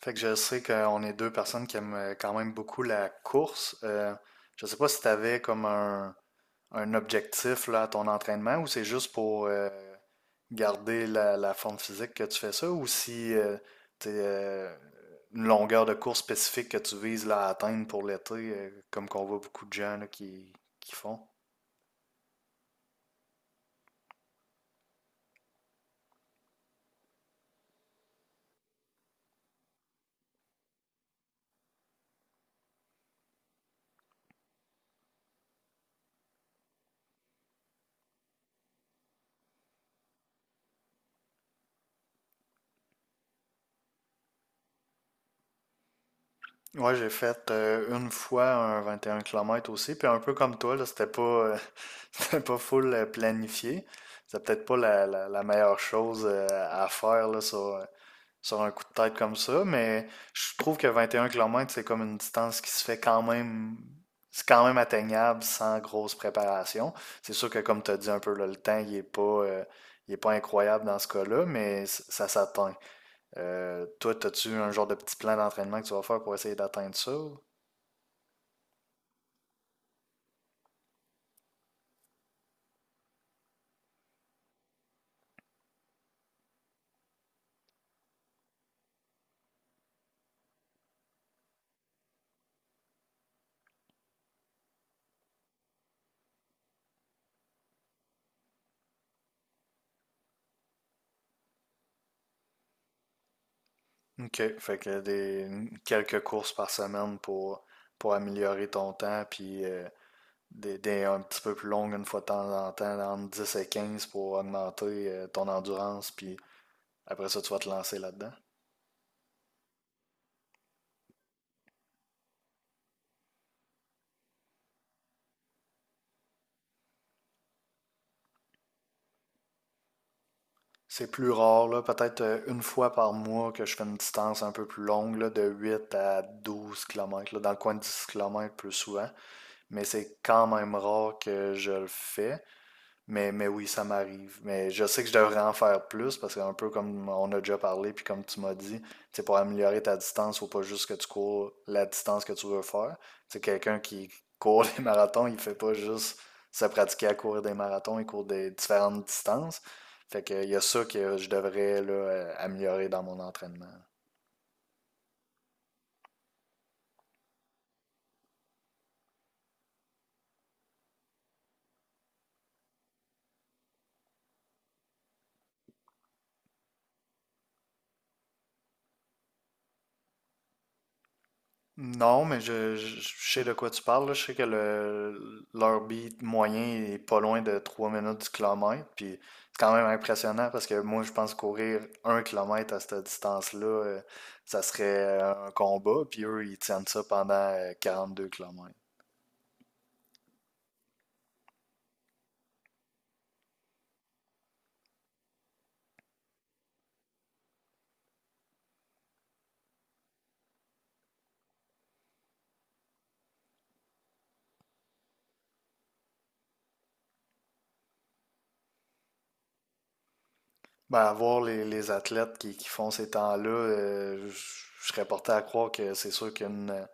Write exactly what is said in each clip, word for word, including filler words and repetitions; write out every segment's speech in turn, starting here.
Fait que je sais qu'on est deux personnes qui aiment euh, quand même beaucoup la course. Euh, je sais pas si tu avais comme un, un objectif là, à ton entraînement ou c'est juste pour euh, garder la, la forme physique que tu fais ça ou si tu une longueur de course spécifique que tu vises là, à atteindre pour l'été, euh, comme qu'on voit beaucoup de gens là, qui, qui font. Ouais, j'ai fait euh, une fois un vingt et un kilomètres aussi, puis un peu comme toi, là, c'était pas, euh, c'était pas full euh, planifié. C'est peut-être pas la, la- la meilleure chose euh, à faire là, sur, euh, sur un coup de tête comme ça, mais je trouve que vingt et un kilomètres, c'est comme une distance qui se fait quand même, c'est quand même atteignable sans grosse préparation. C'est sûr que comme tu as dit un peu, là, le temps, il est pas, euh, il est pas incroyable dans ce cas-là, mais c- ça s'atteint. Euh, toi, as-tu un genre de petit plan d'entraînement que tu vas faire pour essayer d'atteindre ça? ou- OK. Fait que des quelques courses par semaine pour, pour améliorer ton temps, puis euh, des, des un petit peu plus longues une fois de temps en temps, entre dix et quinze pour augmenter euh, ton endurance, puis après ça, tu vas te lancer là-dedans. C'est plus rare, là, peut-être euh, une fois par mois que je fais une distance un peu plus longue, là, de huit à douze kilomètres là, dans le coin de dix kilomètres plus souvent. Mais c'est quand même rare que je le fais. Mais, mais oui, ça m'arrive. Mais je sais que je devrais en faire plus parce qu'un peu comme on a déjà parlé, puis comme tu m'as dit, c'est pour améliorer ta distance, faut pas juste que tu cours la distance que tu veux faire. C'est quelqu'un qui court des marathons, il fait pas juste se pratiquer à courir des marathons, il court des différentes distances. Fait que il y a ça que je devrais là, euh, améliorer dans mon entraînement. Non, mais je, je- je sais de quoi tu parles, là. Je sais que le, leur beat moyen est pas loin de trois minutes du kilomètre. Puis c'est quand même impressionnant parce que moi, je pense courir un kilomètre à cette distance-là, euh, ça serait un combat. Puis eux, ils tiennent ça pendant euh, deux kilomètres. Ben, à voir les, les athlètes qui, qui font ces temps-là, euh, je je serais porté à croire que c'est sûr qu'une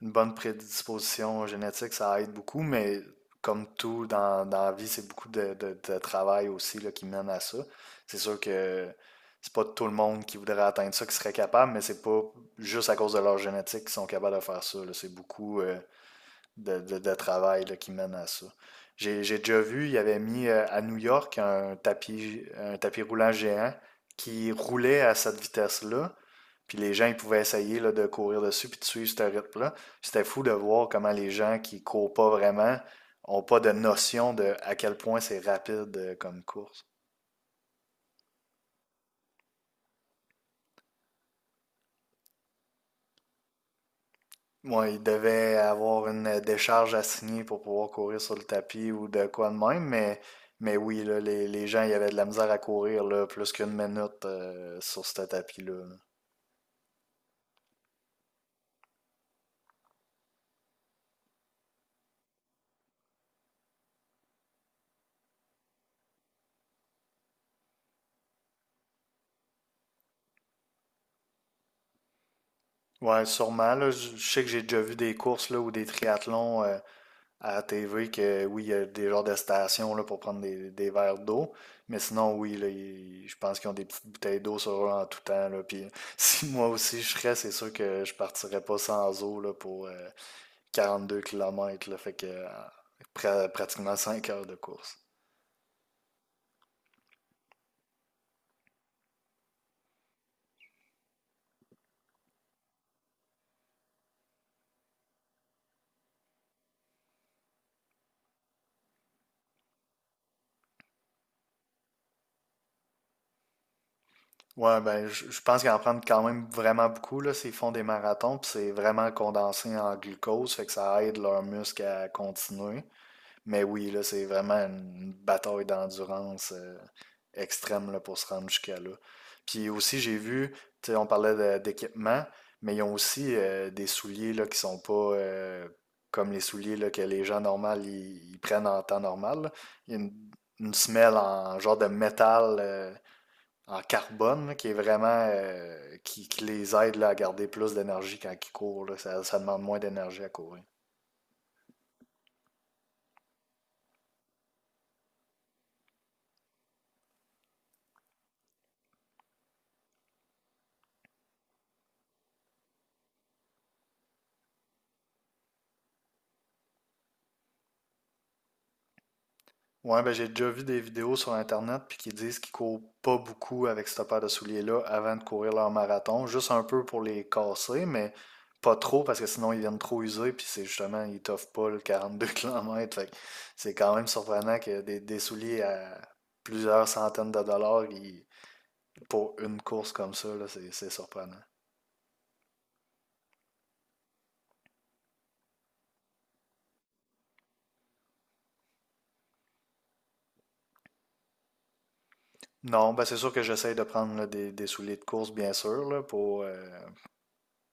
une bonne prédisposition génétique, ça aide beaucoup, mais comme tout dans, dans la vie, c'est beaucoup de, de- de travail aussi là, qui mène à ça. C'est sûr que c'est pas tout le monde qui voudrait atteindre ça qui serait capable, mais c'est pas juste à cause de leur génétique qu'ils sont capables de faire ça. là. C'est beaucoup euh, de, de- de travail là, qui mène à ça. J'ai, j'ai déjà vu, il avait mis euh, à New York un tapis, un tapis roulant géant qui roulait à cette vitesse-là. Puis les gens, ils pouvaient essayer là, de courir dessus puis de suivre ce rythme-là. C'était fou de voir comment les gens qui courent pas vraiment ont pas de notion de à quel point c'est rapide euh, comme course. Ouais, il devait avoir une euh, décharge à signer pour pouvoir courir sur le tapis ou de quoi de même, mais, mais oui, là, les, les gens, il y avait de la misère à courir là, plus qu'une minute euh, sur ce tapis-là. Là. Ouais, sûrement. Là, je je sais que j'ai déjà vu des courses là, ou des triathlons. euh, à la T V que oui, il y a des genres de stations là, pour prendre des, des verres d'eau. Mais sinon, oui, là, ils- je pense qu'ils ont des petites bouteilles d'eau sur eux en tout temps. Là. Puis, si moi aussi je serais, c'est sûr que je partirais pas sans eau là, pour euh, deux kilomètres Là, fait que euh, pra- pratiquement cinq heures de course. Ouais, ben je je pense qu'ils en prennent quand même vraiment beaucoup là, s'ils font des marathons, puis c'est vraiment condensé en glucose, fait que ça aide leurs muscles à continuer. Mais oui, là, c'est vraiment une bataille d'endurance. euh, extrême là, pour se rendre jusqu'à là. Puis aussi, j'ai vu, tu sais, on parlait de- d'équipement, mais ils ont aussi euh, des souliers là, qui sont pas euh, comme les souliers là, que les gens normaux ils, ils prennent en temps normal. là. Il y a une, une semelle en genre de métal euh, en carbone là, qui est vraiment euh, qui, qui les aide là, à garder plus d'énergie quand ils courent. là. Ça, ça demande moins d'énergie à courir. Ouais, ben j'ai déjà vu des vidéos sur Internet puis qui disent qu'ils courent pas beaucoup avec cette paire de souliers-là avant de courir leur marathon, juste un peu pour les casser, mais pas trop parce que sinon ils viennent trop usés puis c'est justement, ils t'offrent pas le quarante-deux kilomètres. Fait que c'est quand même surprenant que des, des souliers à plusieurs centaines de dollars ils- pour une course comme ça, là, c'est c'est surprenant. Non, ben c'est sûr que j'essaye de prendre là, des, des souliers de course, bien sûr, là, pour euh,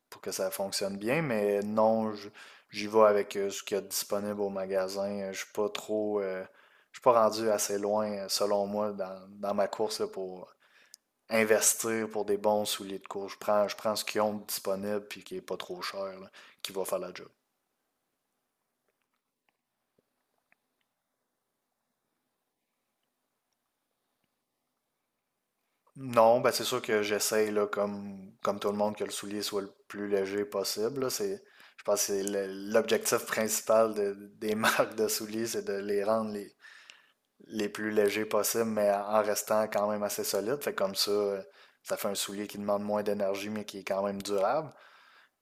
pour que ça fonctionne bien, mais non, je- j'y vais avec euh, ce qu'il y a de disponible au magasin. Euh, Je suis pas trop, euh, je suis pas rendu assez loin, euh, selon moi, dans, dans ma course là, pour investir pour des bons souliers de course. Je prends, je prends ce qu'ils ont de disponible puis qui est pas trop cher, là, qui va faire la job. Non, ben c'est sûr que j'essaye, là, comme, comme tout le monde, que le soulier soit le plus léger possible. là. C'est, je pense que c'est le- l'objectif principal de- des marques de souliers, c'est de les rendre les, les plus légers possibles, mais en restant quand même assez solide. Fait que comme ça, euh, ça fait un soulier qui demande moins d'énergie, mais qui est quand même durable.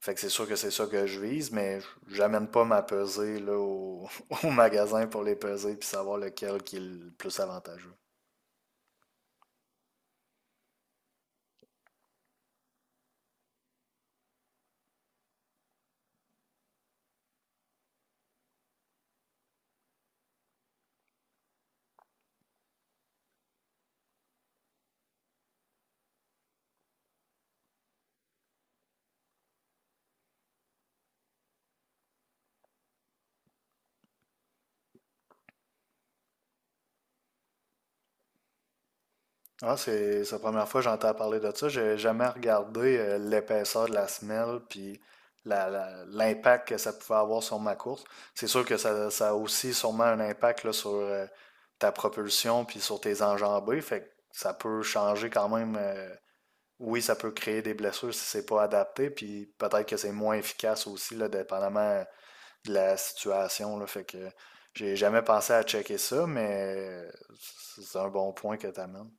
Fait que c'est sûr que c'est ça que je vise, mais j'amène pas ma pesée là, au, au magasin pour les peser puis savoir lequel qui est le plus avantageux. Ah, c'est c'est la première fois que j'entends parler de ça. J'ai jamais regardé euh, l'épaisseur de la semelle puis la- la- l'impact que ça pouvait avoir sur ma course. C'est sûr que ça, ça a aussi sûrement un impact là, sur euh, ta propulsion puis sur tes enjambées. Fait que ça peut changer quand même. euh, Oui, ça peut créer des blessures si c'est pas adapté. Puis peut-être que c'est moins efficace aussi, là, dépendamment de la situation. Là. Fait que j'ai jamais pensé à checker ça, mais c'est c'est un bon point que tu amènes.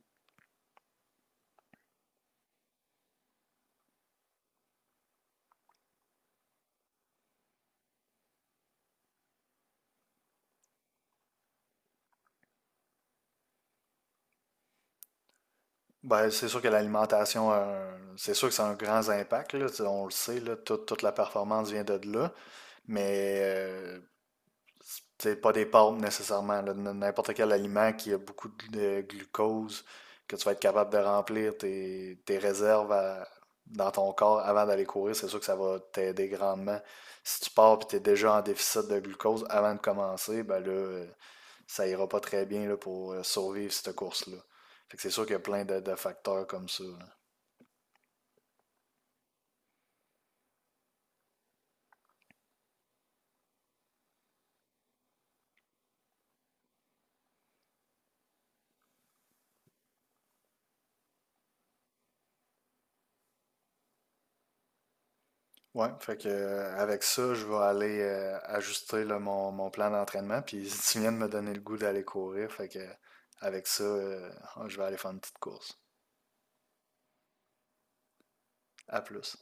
Ben, c'est sûr que l'alimentation, a un- c'est sûr que ça a un grand impact, là, tu sais, on le sait, là, toute, toute la performance vient de là, mais euh, c'est pas des pâtes nécessairement, là, n- n'importe quel aliment qui a beaucoup de glu- de glucose, que tu vas être capable de remplir tes, tes réserves à- dans ton corps avant d'aller courir, c'est sûr que ça va t'aider grandement. Si tu pars et tu es déjà en déficit de glucose avant de commencer, ben là, euh, ça ira pas très bien là, pour euh, survivre cette course-là. Fait que c'est sûr qu'il y a plein de, de facteurs comme ça. là. Ouais, fait que euh, avec ça, je vais aller euh, ajuster là, mon, mon plan d'entraînement. Puis tu viens de me donner le goût d'aller courir, fait que euh, avec ça, euh, je vais aller faire une petite course. À plus.